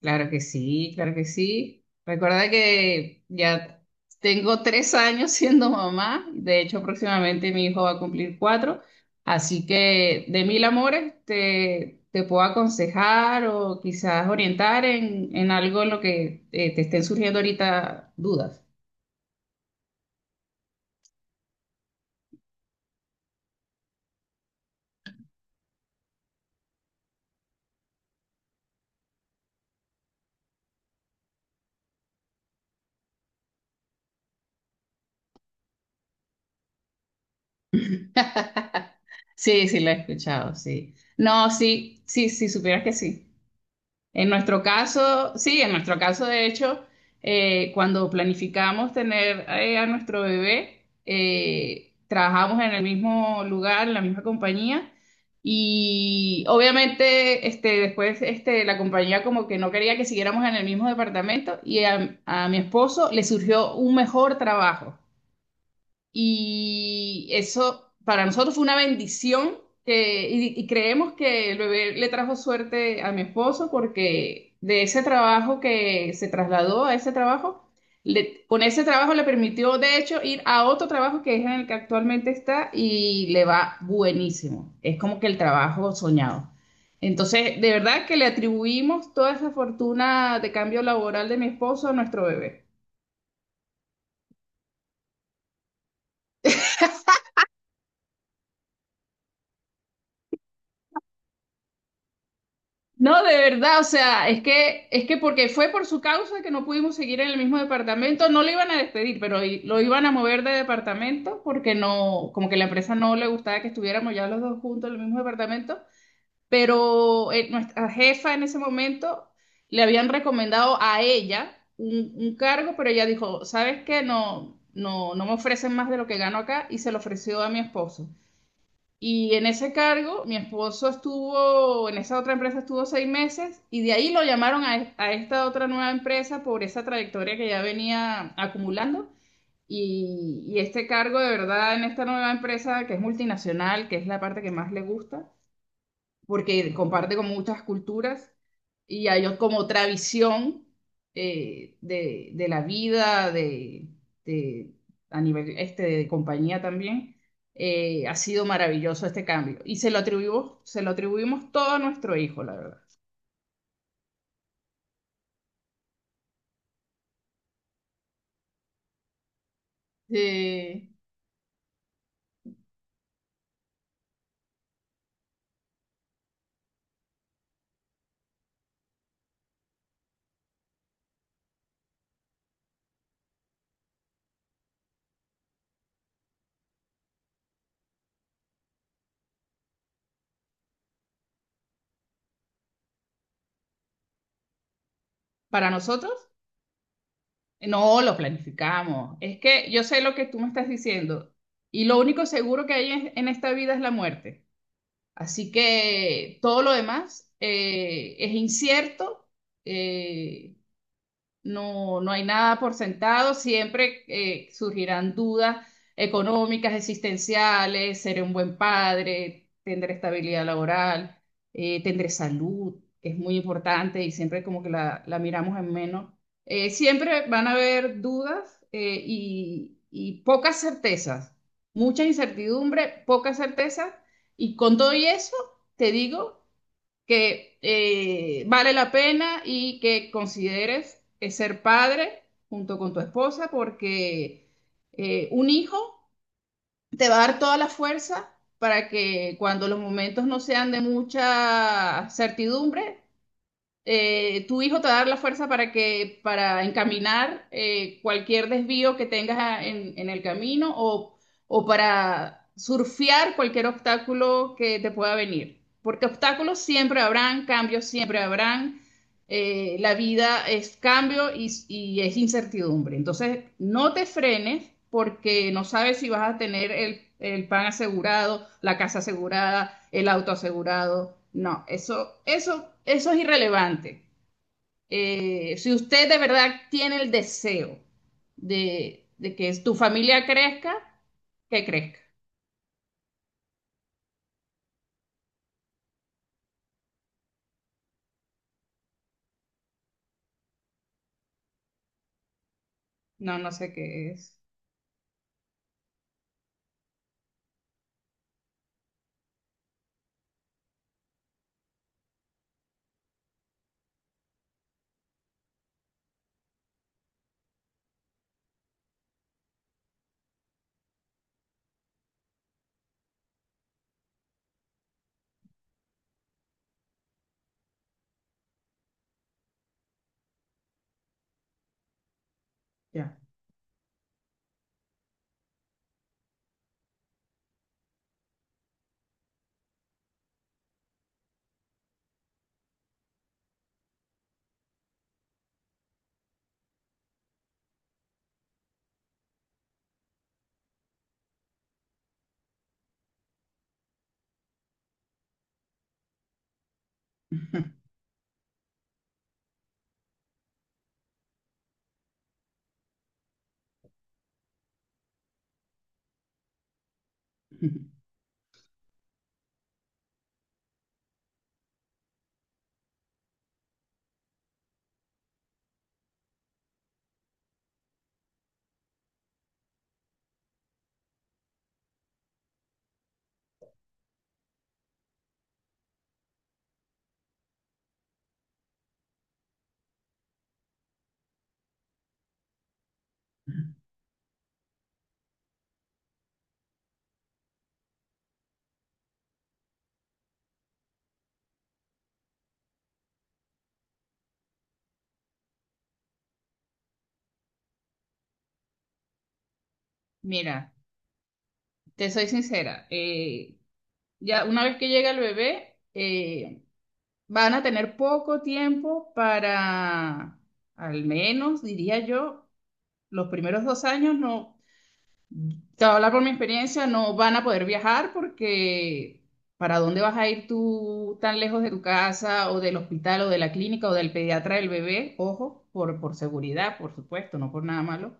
Claro que sí, claro que sí. Recuerda que ya tengo 3 años siendo mamá. De hecho, próximamente mi hijo va a cumplir 4. Así que de mil amores te puedo aconsejar o quizás orientar en, algo en lo que te estén surgiendo ahorita dudas. Sí, sí, lo he escuchado, sí. No, sí, sí, sí, supieras que sí. En nuestro caso, sí, en nuestro caso, de hecho, cuando planificamos tener a nuestro bebé, trabajamos en el mismo lugar, en la misma compañía, y obviamente después la compañía como que no quería que siguiéramos en el mismo departamento y a mi esposo le surgió un mejor trabajo. Y eso para nosotros fue una bendición y creemos que el bebé le trajo suerte a mi esposo porque de ese trabajo que se trasladó a ese trabajo, con ese trabajo le permitió de hecho ir a otro trabajo que es en el que actualmente está y le va buenísimo. Es como que el trabajo soñado. Entonces, de verdad que le atribuimos toda esa fortuna de cambio laboral de mi esposo a nuestro bebé. No, de verdad, o sea, es que porque fue por su causa que no pudimos seguir en el mismo departamento, no lo iban a despedir, pero lo iban a mover de departamento porque no, como que la empresa no le gustaba que estuviéramos ya los dos juntos en el mismo departamento, pero nuestra jefa en ese momento le habían recomendado a ella un cargo, pero ella dijo, ¿sabes qué? No, no, no me ofrecen más de lo que gano acá y se lo ofreció a mi esposo. Y en ese cargo, mi esposo estuvo, en esa otra empresa estuvo 6 meses y de ahí lo llamaron a esta otra nueva empresa por esa trayectoria que ya venía acumulando. Y este cargo de verdad en esta nueva empresa que es multinacional, que es la parte que más le gusta, porque comparte con muchas culturas y hay como otra visión de la vida, de- a nivel de compañía también. Ha sido maravilloso este cambio y se lo atribuimos todo a nuestro hijo, la verdad. Eh, para nosotros, no lo planificamos. Es que yo sé lo que tú me estás diciendo y lo único seguro que hay en esta vida es la muerte. Así que todo lo demás es incierto. eh, no, no hay nada por sentado, siempre surgirán dudas económicas, existenciales, seré un buen padre, tendré estabilidad laboral, tendré salud, que es muy importante y siempre como que la miramos en menos. Siempre van a haber dudas y pocas certezas, mucha incertidumbre, pocas certezas y con todo y eso, te digo que vale la pena y que consideres ser padre junto con tu esposa porque un hijo te va a dar toda la fuerza para que cuando los momentos no sean de mucha certidumbre, tu hijo te va a dar la fuerza para encaminar cualquier desvío que tengas en el camino o para surfear cualquier obstáculo que te pueda venir. Porque obstáculos siempre habrán, cambios siempre habrán, la vida es cambio y es incertidumbre. Entonces, no te frenes porque no sabes si vas a tener el pan asegurado, la casa asegurada, el auto asegurado. No, eso es irrelevante. Si usted de verdad tiene el deseo de que tu familia crezca, que crezca. No, no sé qué es. Ya. Mira, te soy sincera. Ya una vez que llega el bebé, van a tener poco tiempo para, al menos diría yo, los primeros 2 años no, te voy a hablar por mi experiencia, no van a poder viajar porque ¿para dónde vas a ir tú tan lejos de tu casa o del hospital o de la clínica o del pediatra del bebé? Ojo, por seguridad, por supuesto, no por nada malo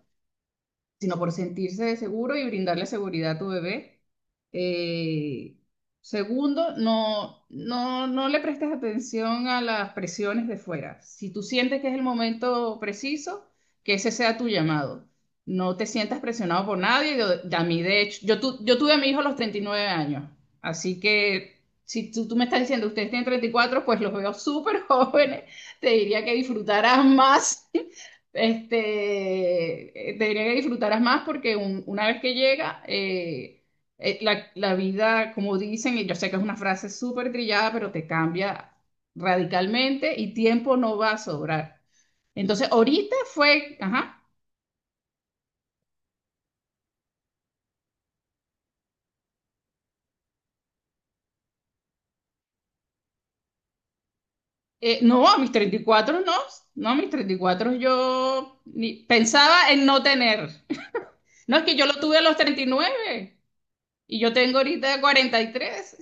sino por sentirse seguro y brindarle seguridad a tu bebé. Eh, segundo, no, no, no le prestes atención a las presiones de fuera. Si tú sientes que es el momento preciso, que ese sea tu llamado. No te sientas presionado por nadie. A mí, de hecho, yo tuve a mi hijo a los 39 años. Así que si tú, tú me estás diciendo, ustedes tienen 34, pues los veo súper jóvenes. Te diría que disfrutarás más te diría que disfrutaras más porque una vez que llega, la vida, como dicen, y yo sé que es una frase súper trillada, pero te cambia radicalmente y tiempo no va a sobrar. Entonces, ahorita fue, ajá, no, a mis 34 no, no, a mis 34 yo pensaba en no tener. No, es que yo lo tuve a los 39 y yo tengo ahorita 43.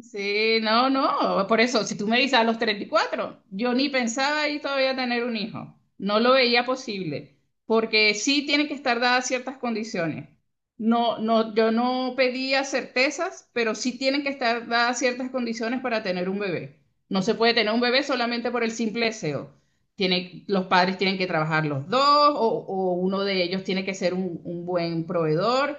Sí, no, no. Por eso, si tú me dices a los 34, yo ni pensaba y todavía tener un hijo. No lo veía posible, porque sí tienen que estar dadas ciertas condiciones. No, no, yo no pedía certezas, pero sí tienen que estar dadas ciertas condiciones para tener un bebé. No se puede tener un bebé solamente por el simple deseo. Tiene, los padres tienen que trabajar los dos, o uno de ellos tiene que ser un buen proveedor.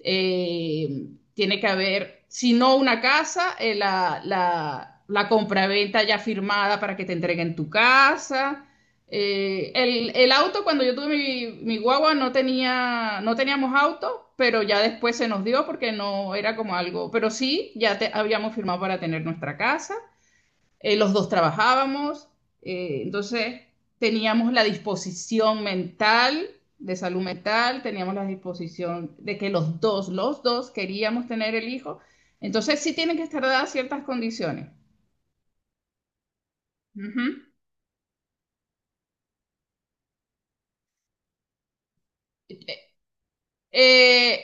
eh, Tiene que haber, si no una casa, la compraventa ya firmada para que te entreguen tu casa. El auto, cuando yo tuve mi guagua, no teníamos auto, pero ya después se nos dio porque no era como algo, pero sí, habíamos firmado para tener nuestra casa, los dos trabajábamos, entonces teníamos la disposición mental de salud mental, teníamos la disposición de que los dos queríamos tener el hijo, entonces sí tienen que estar dadas ciertas condiciones. Uh -huh. Eh,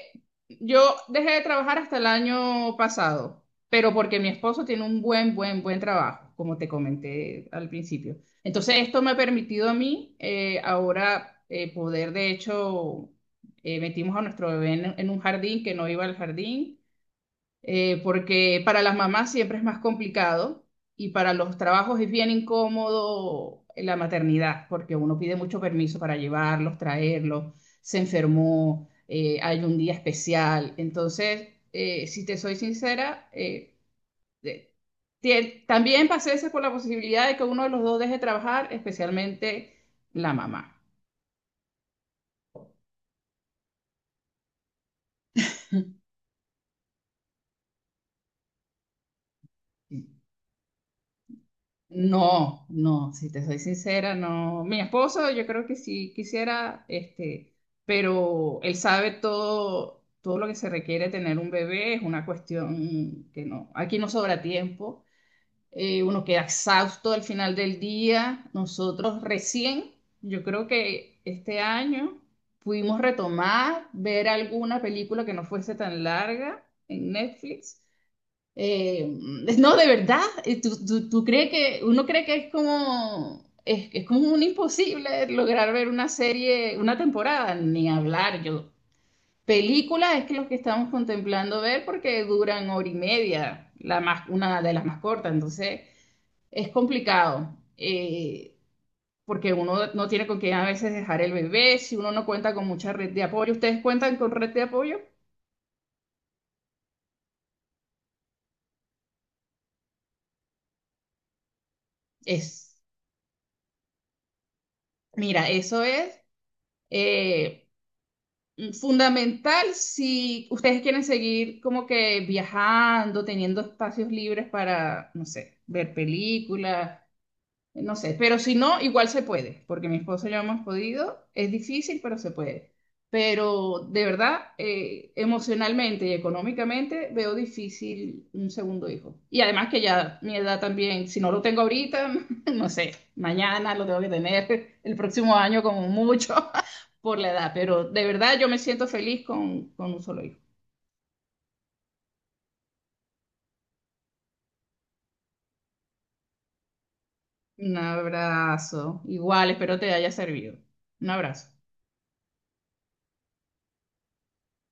yo dejé de trabajar hasta el año pasado, pero porque mi esposo tiene un buen, buen, buen trabajo, como te comenté al principio. Entonces, esto me ha permitido a mí ahora poder, de hecho, metimos a nuestro bebé en un jardín que no iba al jardín, porque para las mamás siempre es más complicado y para los trabajos es bien incómodo la maternidad, porque uno pide mucho permiso para llevarlos, traerlos, se enfermó, hay un día especial. Entonces, si te soy sincera, de- también pasé ese por la posibilidad de que uno de los dos deje trabajar, especialmente la mamá. No, no, si te soy sincera, no. Mi esposo, yo creo que sí quisiera, pero él sabe todo, todo lo que se requiere tener un bebé, es una cuestión que no, aquí no sobra tiempo, uno queda exhausto al final del día. Nosotros recién, yo creo que este año pudimos retomar, ver alguna película que no fuese tan larga en Netflix. eh, no, de verdad, ¿tú crees que uno cree que es como es como un imposible lograr ver una serie, una temporada, ni hablar yo? Películas es que los que estamos contemplando ver porque duran hora y media, la más, una de las más cortas, entonces es complicado, porque uno no tiene con quién a veces dejar el bebé, si uno no cuenta con mucha red de apoyo. ¿Ustedes cuentan con red de apoyo? Es, mira, eso es. eh, Fundamental si ustedes quieren seguir como que viajando, teniendo espacios libres para, no sé, ver películas, no sé, pero si no, igual se puede, porque mi esposo y yo hemos podido. Es difícil, pero se puede. Pero de verdad, emocionalmente y económicamente veo difícil un segundo hijo. Y además que ya mi edad también, si no lo tengo ahorita, no sé, mañana lo tengo que tener, el próximo año como mucho, por la edad. Pero de verdad yo me siento feliz con un solo hijo. Un abrazo. Igual, espero te haya servido. Un abrazo.